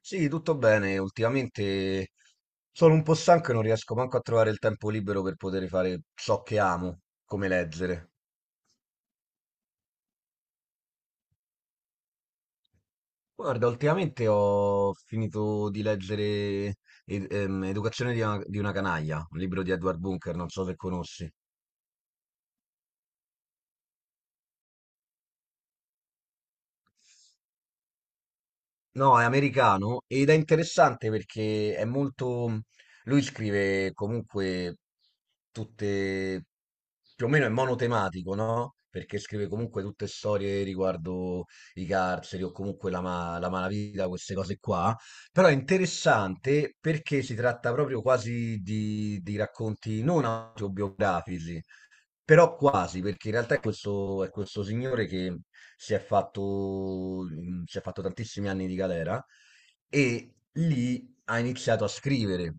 Sì, tutto bene. Ultimamente sono un po' stanco e non riesco manco a trovare il tempo libero per poter fare ciò che amo, come leggere. Guarda, ultimamente ho finito di leggere Educazione di una canaglia, un libro di Edward Bunker, non so se conosci. No, è americano ed è interessante perché è molto. Lui scrive comunque tutte. Più o meno è monotematico, no? Perché scrive comunque tutte storie riguardo i carceri o comunque la malavita, queste cose qua. Però è interessante perché si tratta proprio quasi di racconti non autobiografici, però quasi, perché in realtà è questo signore che si è fatto tantissimi anni di galera e lì ha iniziato a scrivere.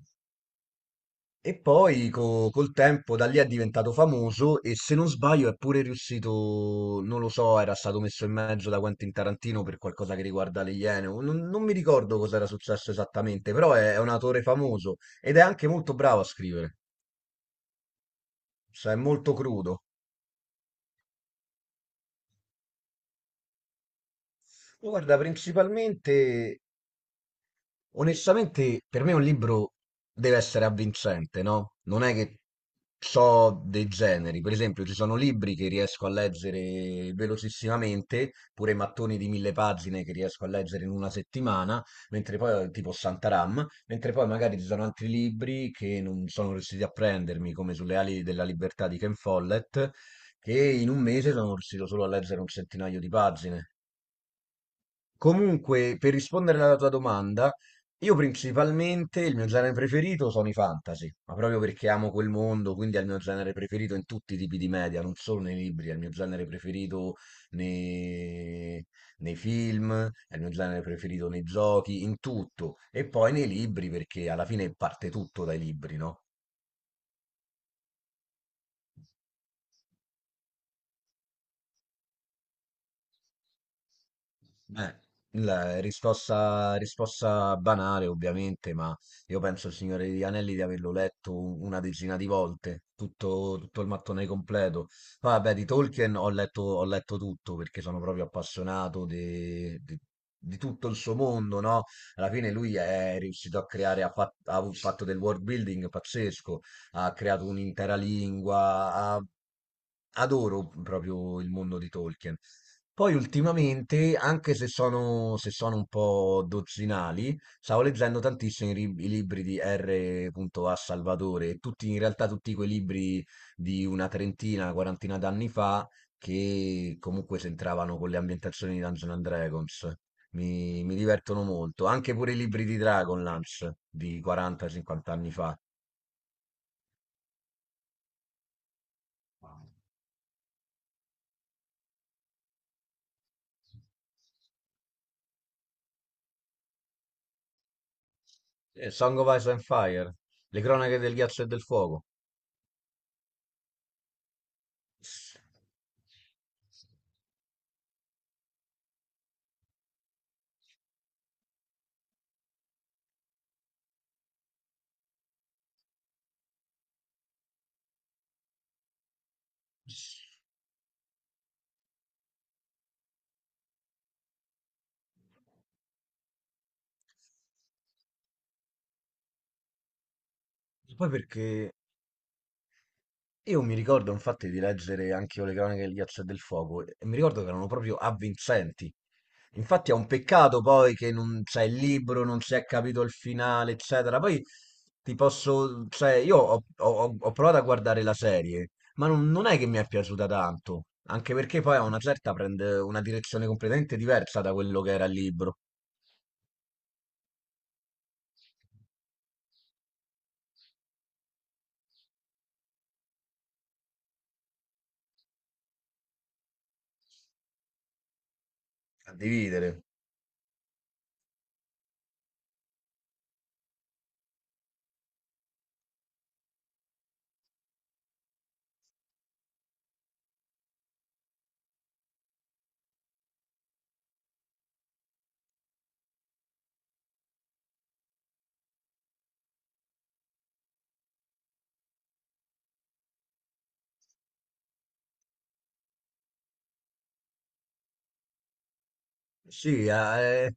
E poi col tempo da lì è diventato famoso e se non sbaglio è pure riuscito, non lo so, era stato messo in mezzo da Quentin Tarantino per qualcosa che riguarda le Iene. O non mi ricordo cosa era successo esattamente, però è un autore famoso ed è anche molto bravo a scrivere, cioè è molto crudo. Guarda, principalmente. Onestamente, per me un libro deve essere avvincente, no? Non è che so dei generi. Per esempio, ci sono libri che riesco a leggere velocissimamente, pure mattoni di mille pagine che riesco a leggere in una settimana, mentre poi, tipo Santaram, mentre poi magari ci sono altri libri che non sono riusciti a prendermi, come Sulle ali della libertà di Ken Follett, che in un mese sono riuscito solo a leggere un centinaio di pagine. Comunque, per rispondere alla tua domanda, io principalmente il mio genere preferito sono i fantasy, ma proprio perché amo quel mondo, quindi è il mio genere preferito in tutti i tipi di media, non solo nei libri, è il mio genere preferito nei, nei film, è il mio genere preferito nei giochi, in tutto. E poi nei libri, perché alla fine parte tutto dai libri, no? Eh, la risposta, risposta banale, ovviamente, ma io penso il Signore degli Anelli di averlo letto una decina di volte, tutto, tutto il mattone completo. Poi, vabbè, di Tolkien ho letto tutto perché sono proprio appassionato di tutto il suo mondo, no? Alla fine lui è riuscito a creare, ha fatto del world building pazzesco, ha creato un'intera lingua, ha- adoro proprio il mondo di Tolkien. Poi ultimamente, anche se sono un po' dozzinali, stavo leggendo tantissimo i libri di R.A. Salvatore, tutti, in realtà tutti quei libri di una trentina, una quarantina d'anni fa, che comunque s'entravano con le ambientazioni di Dungeons and Dragons. Mi divertono molto, anche pure i libri di Dragonlance di 40-50 anni fa. Song of Ice and Fire, Le cronache del ghiaccio e del fuoco. Poi perché Io mi ricordo infatti di leggere anche io le cronache del ghiaccio e del fuoco e mi ricordo che erano proprio avvincenti. Infatti è un peccato poi che non c'è il libro, non si è capito il finale, eccetera. Poi, cioè io ho provato a guardare la serie, ma non è che mi è piaciuta tanto, anche perché poi a una certa prende una direzione completamente diversa da quello che era il libro, a dividere. Sì, eh,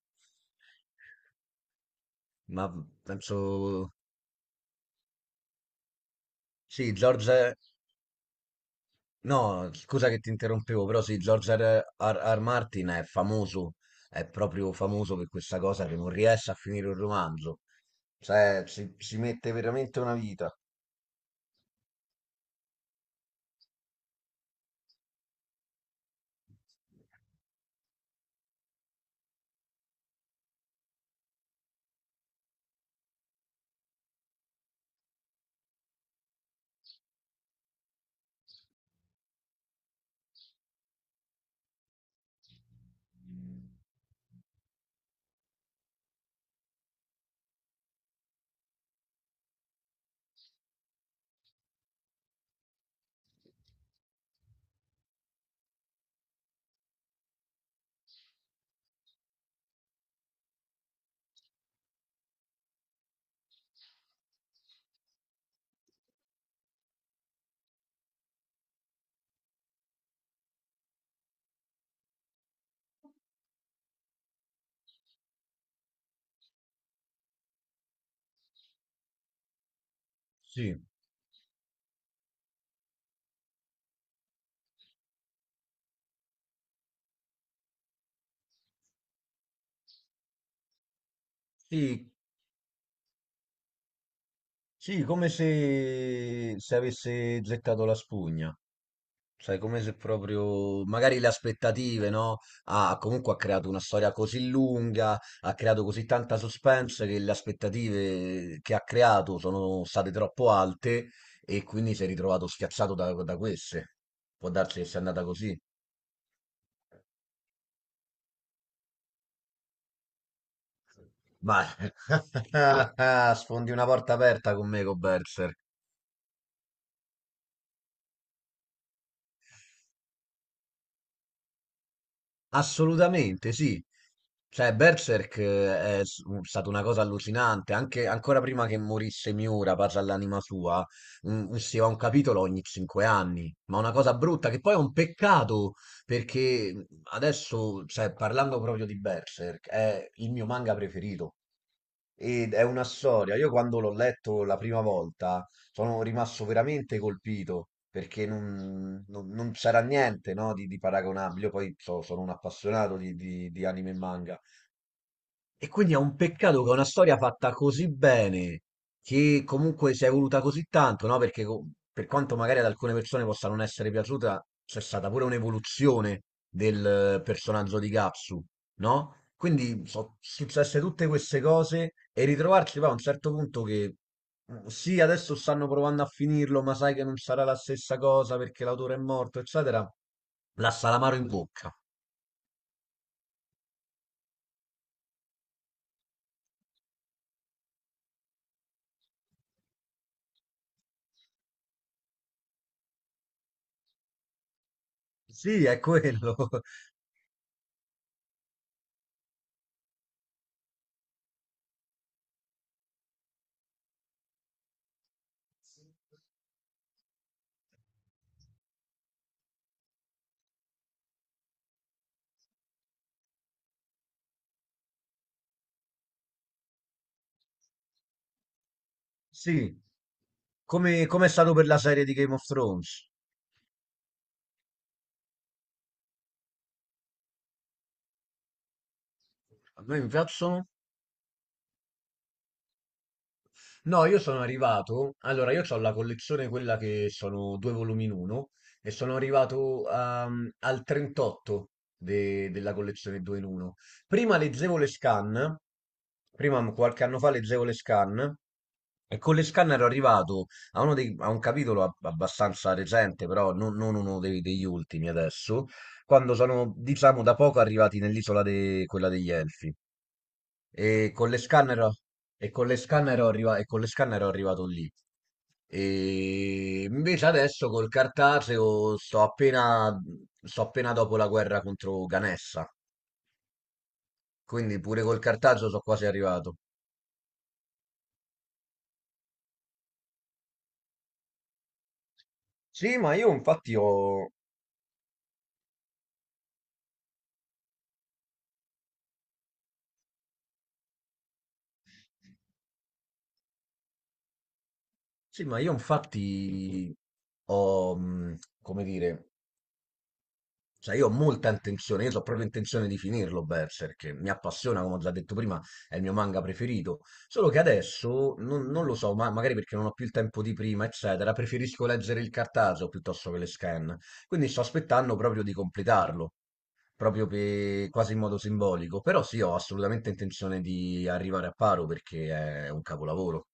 ma penso, sì, George. No, scusa che ti interrompevo, però sì, George R. R. Martin è famoso, è proprio famoso per questa cosa che non riesce a finire un romanzo, cioè ci mette veramente una vita. Sì, sì, sì, come se avesse gettato la spugna. Cioè, come se proprio, magari le aspettative, no? Comunque ha creato una storia così lunga, ha creato così tanta suspense che le aspettative che ha creato sono state troppo alte e quindi si è ritrovato schiacciato da queste. Può darsi che sia andata così. Ma sfondi una porta aperta con me, con Berserk. Assolutamente sì. Cioè, Berserk è stata una cosa allucinante, anche ancora prima che morisse Miura, parla all'anima sua, usciva un capitolo ogni 5 anni, ma una cosa brutta che poi è un peccato, perché adesso, cioè, parlando proprio di Berserk, è il mio manga preferito. Ed è una storia. Io quando l'ho letto la prima volta sono rimasto veramente colpito perché non c'era niente, no, di paragonabile. Io poi sono un appassionato di anime e manga. E quindi è un peccato che una storia fatta così bene, che comunque si è evoluta così tanto, no? Perché per quanto magari ad alcune persone possa non essere piaciuta, c'è stata pure un'evoluzione del personaggio di Gatsu, no? Quindi sono successe tutte queste cose e ritrovarci poi a un certo punto che sì, adesso stanno provando a finirlo, ma sai che non sarà la stessa cosa perché l'autore è morto, eccetera. La salamaro in bocca. Sì, è quello. Sì. Come è stato per la serie di Game of Thrones? A me mi piacciono. No, io sono arrivato. Allora, io ho la collezione quella che sono due volumi in uno e sono arrivato al 38 della collezione 2 in 1. Prima leggevo le scan, qualche anno fa leggevo le scan e con le scan ero arrivato a un capitolo abbastanza recente, però non degli ultimi adesso, quando sono, diciamo, da poco arrivati nell'isola quella degli Elfi. E con le scanner, ho- e con le scanner ho arrivato lì. E invece adesso col cartaceo sto appena dopo la guerra contro Ganessa, quindi pure col cartaceo sono quasi arrivato. Sì, ma io infatti ho. Sì, ma io infatti come dire, cioè io ho molta intenzione, io ho proprio intenzione di finirlo Berserk, mi appassiona, come ho già detto prima, è il mio manga preferito. Solo che adesso, non lo so, ma magari perché non ho più il tempo di prima, eccetera, preferisco leggere il cartaceo piuttosto che le scan. Quindi sto aspettando proprio di completarlo, proprio quasi in modo simbolico. Però sì, ho assolutamente intenzione di arrivare a paro perché è un capolavoro.